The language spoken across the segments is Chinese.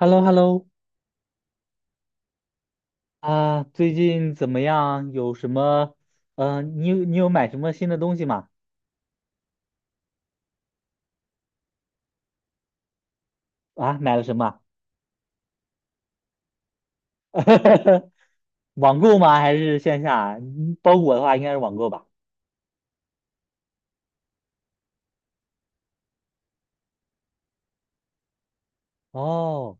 Hello Hello 啊，最近怎么样？有什么？你有买什么新的东西吗？啊，买了什么？网购吗？还是线下？嗯包裹的话，应该是网购吧。哦，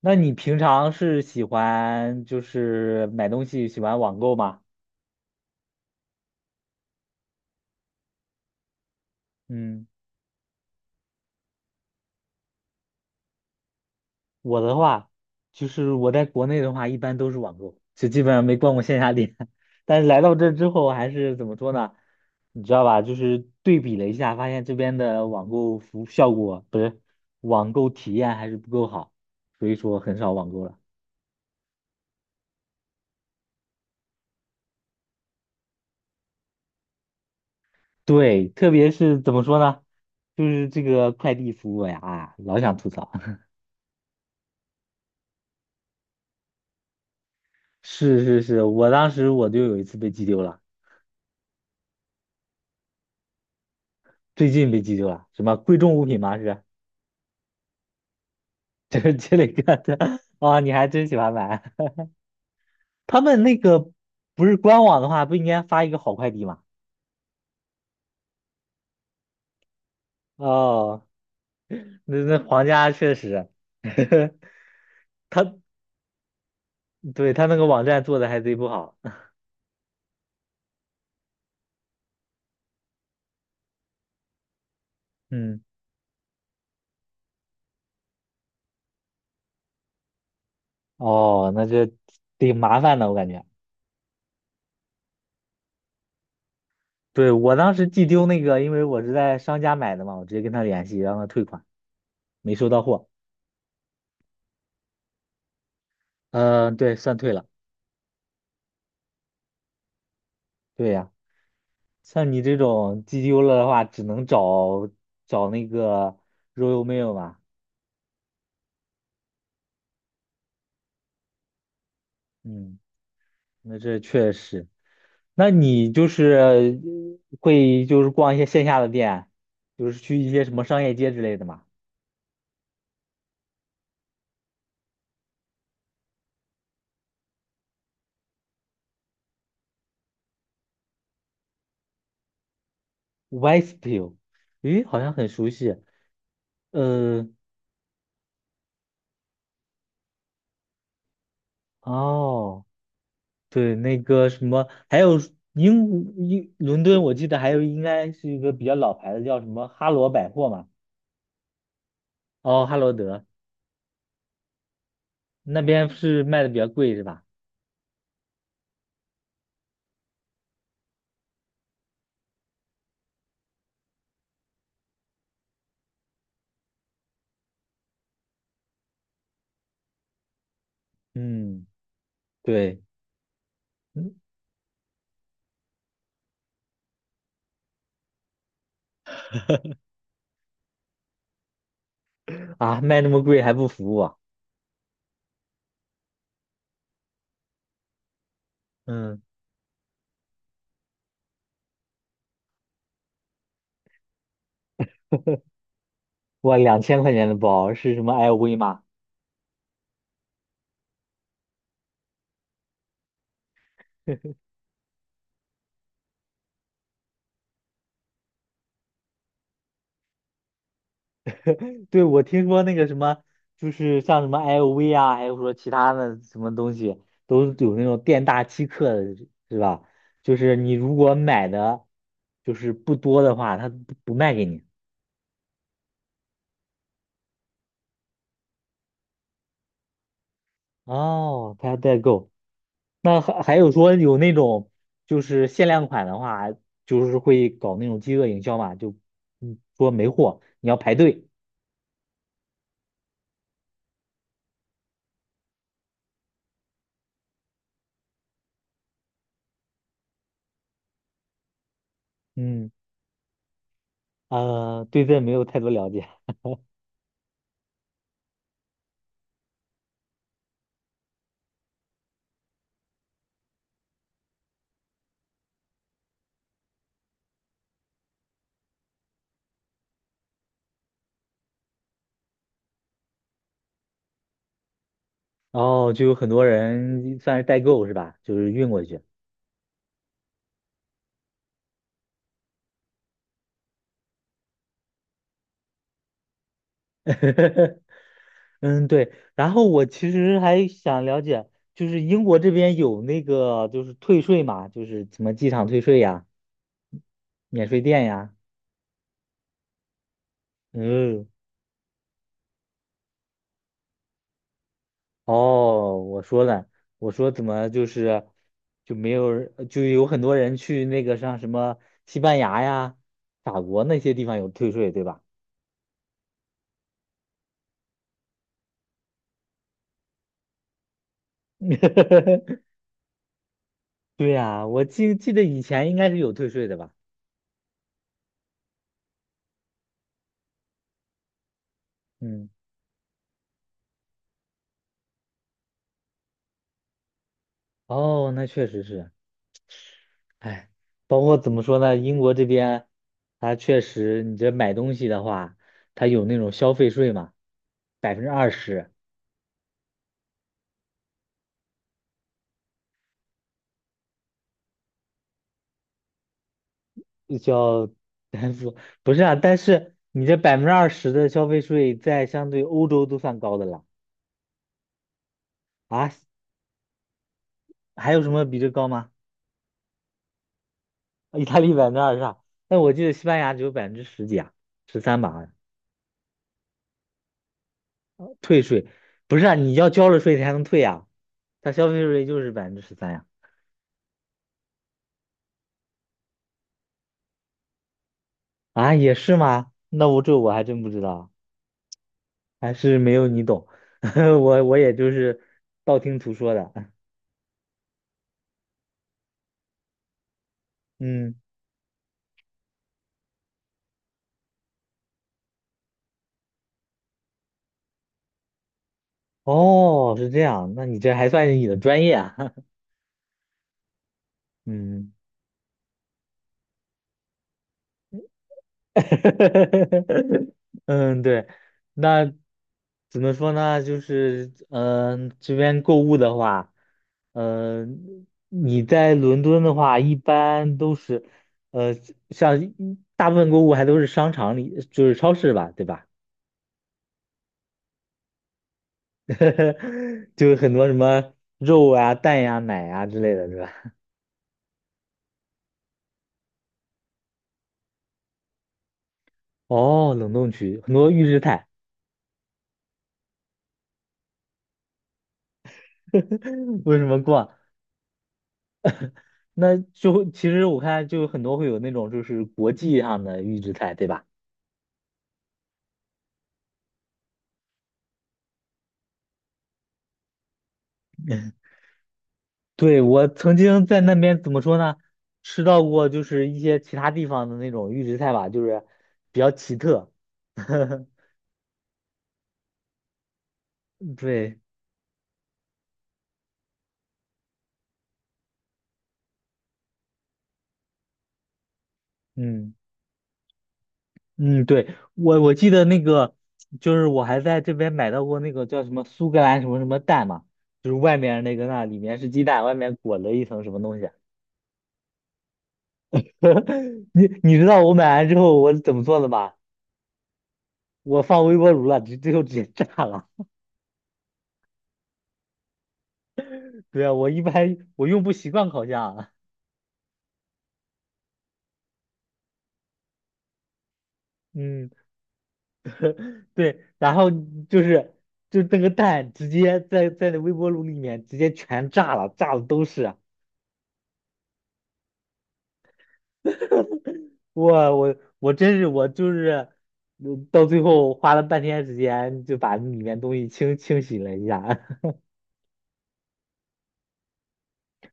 那你平常是喜欢就是买东西喜欢网购吗？嗯。我的话，就是我在国内的话，一般都是网购，就基本上没逛过线下店。但是来到这之后，还是怎么说呢？你知道吧？就是对比了一下，发现这边的网购服效果不是网购体验还是不够好，所以说很少网购了。对，特别是怎么说呢？就是这个快递服务呀，啊，老想吐槽。是是是，我当时我就有一次被寄丢了，最近被寄丢了，什么贵重物品吗？是。就是这里干的哇，你还真喜欢买。他们那个不是官网的话，不应该发一个好快递吗？哦，那皇家确实。他对他那个网站做的还贼不好。嗯。哦，那这挺麻烦的，我感觉。对，我当时寄丢那个，因为我是在商家买的嘛，我直接跟他联系，让他退款，没收到货。嗯、对，算退了。对呀、像你这种寄丢了的话，只能找那个 Royal Mail 嘛。嗯，那这确实。那你就是会就是逛一些线下的店，就是去一些什么商业街之类的嘛。 Westfied 咦，好像很熟悉。呃，哦，对，那个什么，还有英伦敦，我记得还有应该是一个比较老牌的，叫什么哈罗百货嘛？哦，哈罗德那边是卖的比较贵是吧？嗯，对，嗯啊，卖那么贵还不服我？嗯。哇，2000块钱的包是什么 LV 吗？对，我听说那个什么，就是像什么 LV 啊，还有说其他的什么东西，都有那种店大欺客的，是吧？就是你如果买的就是不多的话，他不卖给你。哦，他代购。那还有说有那种就是限量款的话，就是会搞那种饥饿营销嘛，就说没货，你要排队。嗯，对这没有太多了解。哦，就有很多人算是代购是吧？就是运过去。嗯，对。然后我其实还想了解，就是英国这边有那个就是退税嘛，就是什么机场退税呀、免税店呀。嗯，哦，我说了，我说怎么就是就没有人就有很多人去那个像什么西班牙呀、法国那些地方有退税，对吧？对呀、我记得以前应该是有退税的吧？嗯。哦，那确实是。哎，包括怎么说呢，英国这边，它确实，你这买东西的话，它有那种消费税嘛，百分之二十。叫。不，不是啊，但是你这百分之二十的消费税，在相对欧洲都算高的了啊，还有什么比这高吗？意大利百分之二十啊，但我记得西班牙只有百分之十几啊，十三吧，好像退税，不是啊，你要交了税才能退啊，它消费税就是13%呀。啊，也是吗？那我这我还真不知道，还是没有你懂。我也就是道听途说的。嗯，哦，是这样，那你这还算是你的专业啊？嗯，嗯，对，那怎么说呢？就是这边购物的话，你在伦敦的话，一般都是呃，像一大部分购物还都是商场里，就是超市吧，对吧？就很多什么肉啊、蛋呀、奶呀之类的，是吧？哦，冷冻区很多预制菜。为什么逛？那就其实我看就很多会有那种就是国际上的预制菜，对吧？对，我曾经在那边怎么说呢？吃到过就是一些其他地方的那种预制菜吧，就是比较奇特。对，嗯。嗯，对，我记得那个，就是我还在这边买到过那个叫什么苏格兰什么什么蛋嘛，就是外面那个那里面是鸡蛋，外面裹了一层什么东西啊。你知道我买完之后我怎么做的吗？我放微波炉了，最后直接炸了。对啊，我一般我用不习惯烤箱啊 嗯，对，然后就是就那个蛋直接在那微波炉里面直接全炸了，炸的都是。哇，我真是我就是，到最后花了半天时间就把里面东西清洗了一下。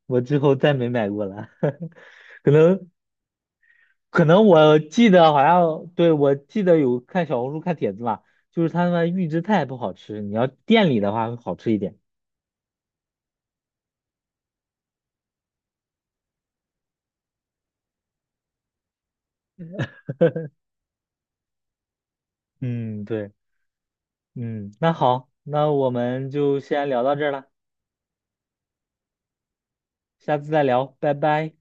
我之后再没买过了。可能可能我记得好像对我记得有看小红书看帖子嘛，就是他们预制菜不好吃，你要店里的话会好吃一点。嗯，对，嗯，那好，那我们就先聊到这儿了，下次再聊，拜拜。